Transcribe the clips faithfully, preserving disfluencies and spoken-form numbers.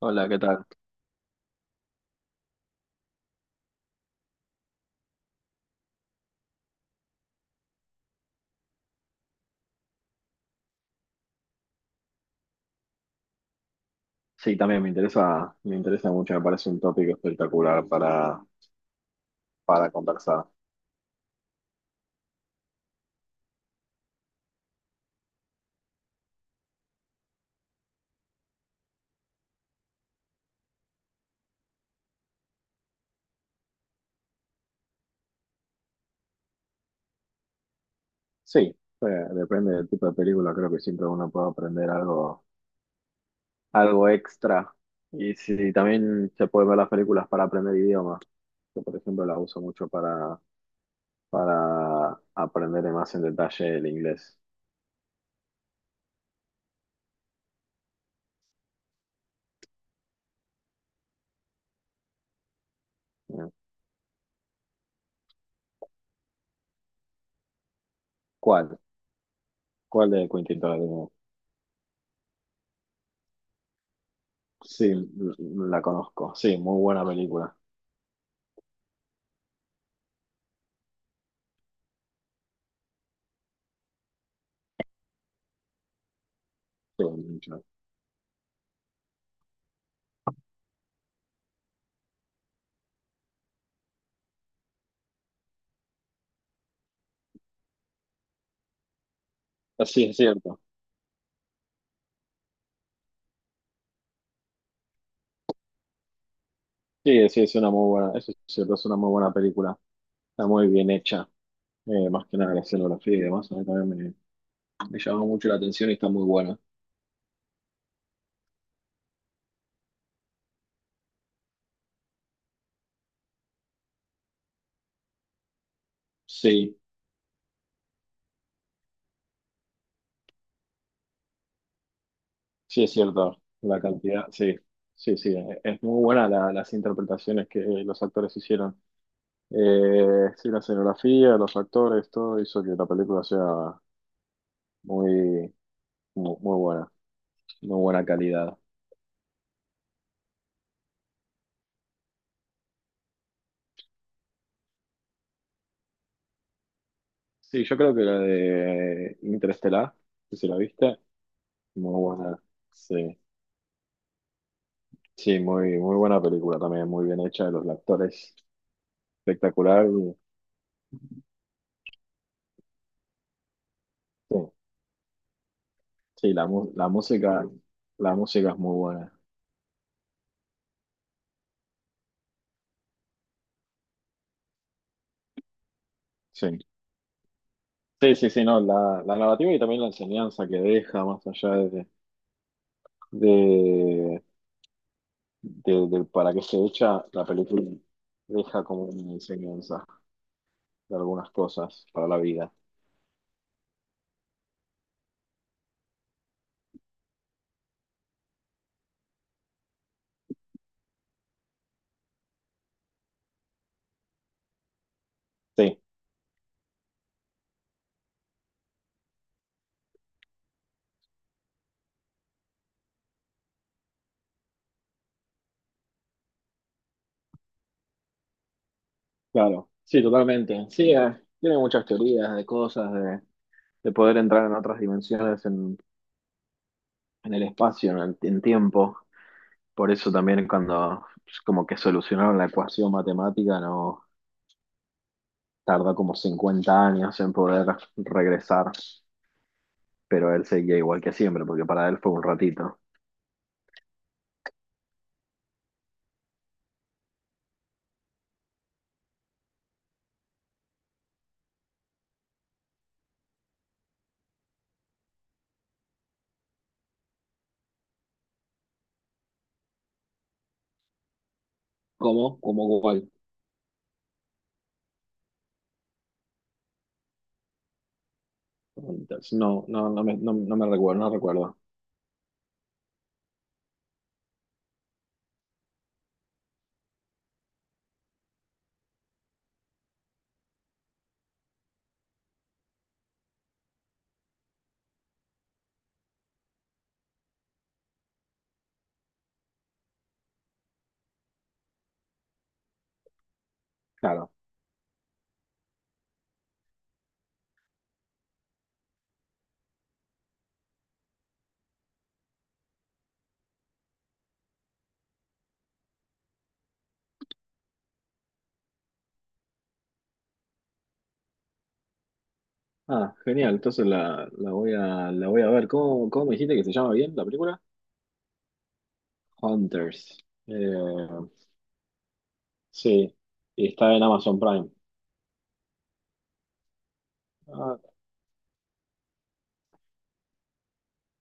Hola, ¿qué tal? Sí, también me interesa, me interesa mucho, me parece un tópico espectacular para, para conversar. Sí, eh, depende del tipo de película, creo que siempre uno puede aprender algo, algo extra. Y sí, sí, también se puede ver las películas para aprender idiomas. Yo, por ejemplo, las uso mucho para, para aprender más en detalle el inglés. Eh, ¿Cuál? ¿Cuál de Quentin Tarantino? Sí, la conozco. Sí, muy buena película. Sí, mucho. Sí, es cierto. Sí, sí, es una muy buena, eso sí, es cierto, es una muy buena película. Está muy bien hecha, eh, más que nada la escenografía y demás. A mí también me, me llamó mucho la atención y está muy buena. Sí, sí, es cierto, la cantidad, sí, sí, sí, eh, es muy buena la- las interpretaciones que los actores hicieron. Eh, sí, la escenografía, los actores, todo hizo que la película sea muy, muy, muy buena, muy buena calidad. Sí, yo creo que la de Interestelar, que si la viste, muy buena, sí. Sí, muy, muy buena película también, muy bien hecha, los actores espectacular. Y- sí, sí, la, mu- la música, la música es muy buena. Sí, sí, sí, sí, no, la, la narrativa y también la enseñanza que deja más allá de, de, de- de para qué se echa, la película deja como una enseñanza de algunas cosas para la vida. Sí, claro, sí, totalmente. Sí, eh, tiene muchas teorías de cosas, de, de poder entrar en otras dimensiones, en, en el espacio, en el en tiempo. Por eso también cuando pues, como que solucionaron la ecuación matemática, no tardó como cincuenta años en poder regresar, pero él seguía igual que siempre, porque para él fue un ratito. ¿Cómo? ¿Cómo cuál? Entonces, no, no, no me, no, no me recuerdo, no recuerdo. Claro. Ah, genial. Entonces la, la voy a, la voy a ver. ¿Cómo, cómo me dijiste que se llama bien la película? Hunters. Eh, sí. Y está en Amazon Prime. Ah,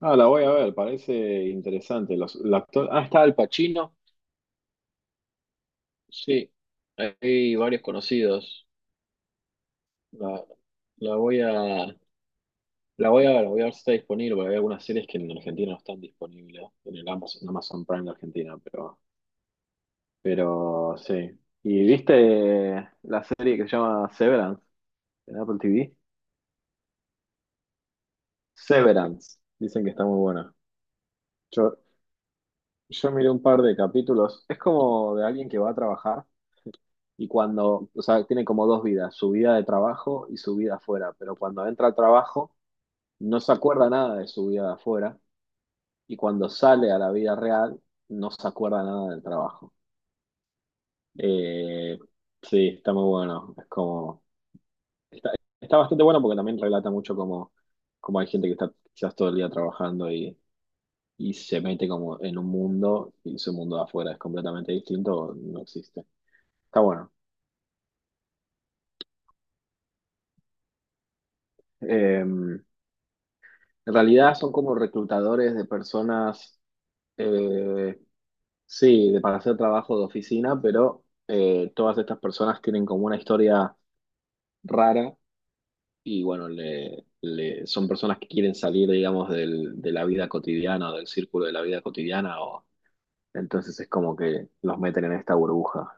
ah, la voy a ver. Parece interesante. Los, el actor- ah, está Al Pacino. Sí, hay varios conocidos. La, la voy a, la voy a ver, voy a ver si está disponible, porque hay algunas series que en Argentina no están disponibles, en el Amazon, en Amazon Prime de Argentina, pero, pero sí. ¿Y viste la serie que se llama Severance en Apple T V? Severance, dicen que está muy buena. Yo, yo miré un par de capítulos, es como de alguien que va a trabajar y cuando, o sea, tiene como dos vidas, su vida de trabajo y su vida afuera, pero cuando entra al trabajo no se acuerda nada de su vida de afuera y cuando sale a la vida real no se acuerda nada del trabajo. Eh, sí, está muy bueno. Es como, está, está bastante bueno porque también relata mucho cómo, cómo hay gente que está quizás todo el día trabajando y, y se mete como en un mundo y su mundo de afuera es completamente distinto, o no existe. Está bueno. Eh, en realidad son como reclutadores de personas. eh, Sí, de para hacer trabajo de oficina, pero eh, todas estas personas tienen como una historia rara y bueno, le, le- son personas que quieren salir, digamos, del, de la vida cotidiana o del círculo de la vida cotidiana o entonces es como que los meten en esta burbuja.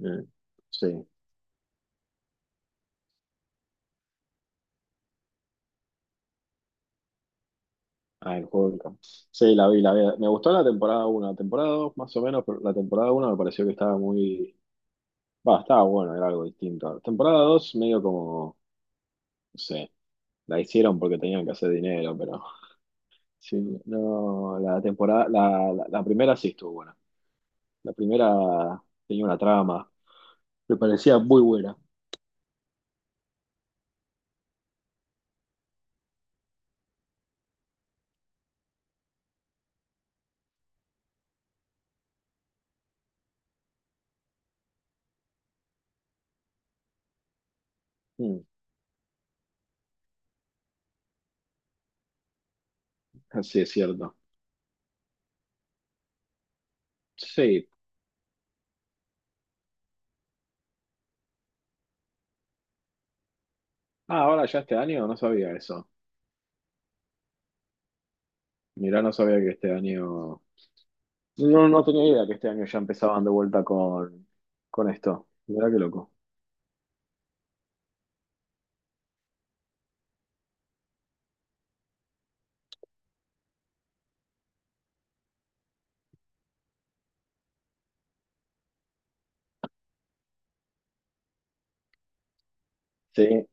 Mm, sí, ah, el juego del campo. Sí, la vi, la vi. Me gustó la temporada uno la temporada dos más o menos, pero la temporada uno me pareció que estaba muy. Va, estaba bueno, era algo distinto. Temporada dos medio como, no sé. La hicieron porque tenían que hacer dinero, pero sí, no, la temporada, la, la, la primera sí estuvo buena. La primera tenía una trama, me parecía muy buena. Mm, así es cierto. Sí. Ah, ahora ya este año no sabía eso. Mirá, no sabía que este año. No, no tenía idea que este año ya empezaban de vuelta con, con esto. Mirá qué loco. Sí.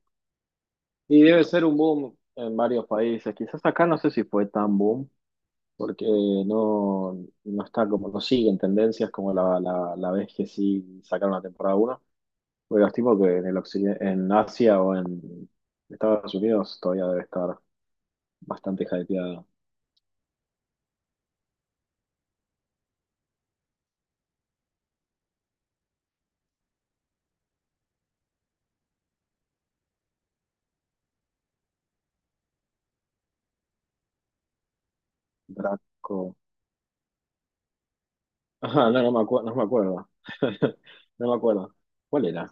Y debe ser un boom en varios países. Quizás acá no sé si fue tan boom, porque no, no está como, no siguen tendencias como la, la, la vez que sí sacaron la temporada uno. Porque los tipos que en el occidente, en Asia o en Estados Unidos todavía debe estar bastante hypeada. Draco. Ajá, no, no me acuerdo, no me acuerdo. No me acuerdo. ¿Cuál era?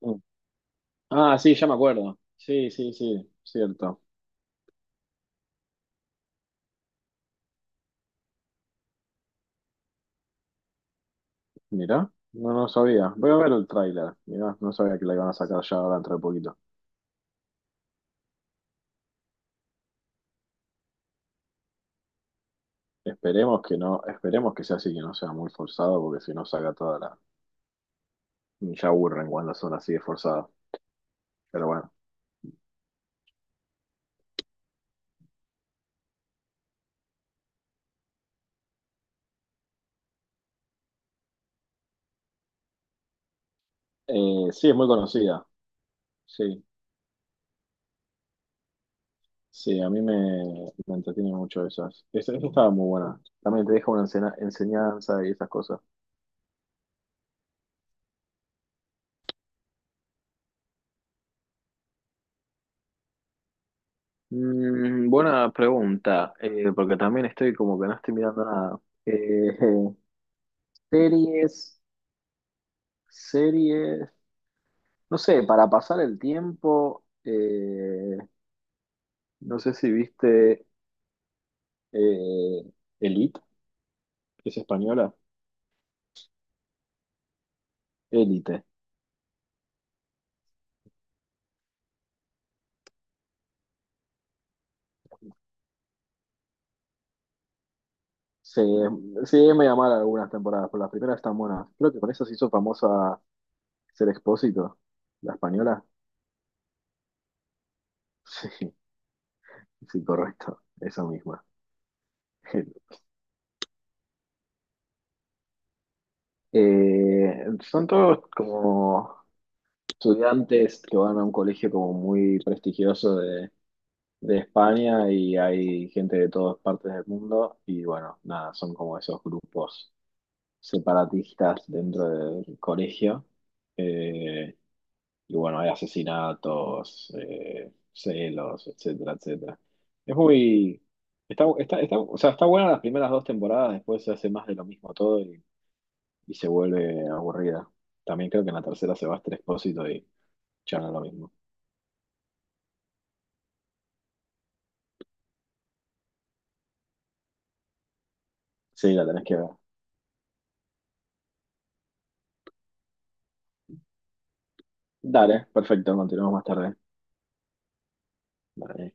Mm. Ah, sí, ya me acuerdo. Sí, sí, sí, cierto. Mirá, no, no sabía. Voy a ver el tráiler. Mirá, no sabía que la iban a sacar ya ahora dentro de poquito. Esperemos que no, esperemos que sea así, que no sea muy forzado, porque si no saca toda la. Ya aburren cuando son así de forzadas. Pero bueno. Eh, sí, es muy conocida. Sí, sí, a mí me, me entretiene mucho esas. Esa, esa estaba muy buena. También te deja una ensena- enseñanza y esas cosas. Mm, buena pregunta, eh, porque también estoy como que no estoy mirando nada. Eh, series, series, no sé, para pasar el tiempo, eh, no sé si viste eh, Elite, que es española. Elite. Se Sí, me llamaron algunas temporadas, pero las primeras están buenas. Creo que con eso se hizo famosa Ser Expósito, la española. Sí, sí, correcto. Esa misma. Eh, son todos como estudiantes que van a un colegio como muy prestigioso de, de España y hay gente de todas partes del mundo y bueno, nada, son como esos grupos separatistas dentro del colegio. eh, y bueno, hay asesinatos, eh, celos, etcétera, etcétera. Es muy. Está, está, está- o sea, está buena las primeras dos temporadas, después se hace más de lo mismo todo y, y se vuelve aburrida. También creo que en la tercera se va Esther Expósito y ya no es lo mismo. Sí, la tenés que ver. Dale, perfecto, continuamos más tarde. Dale.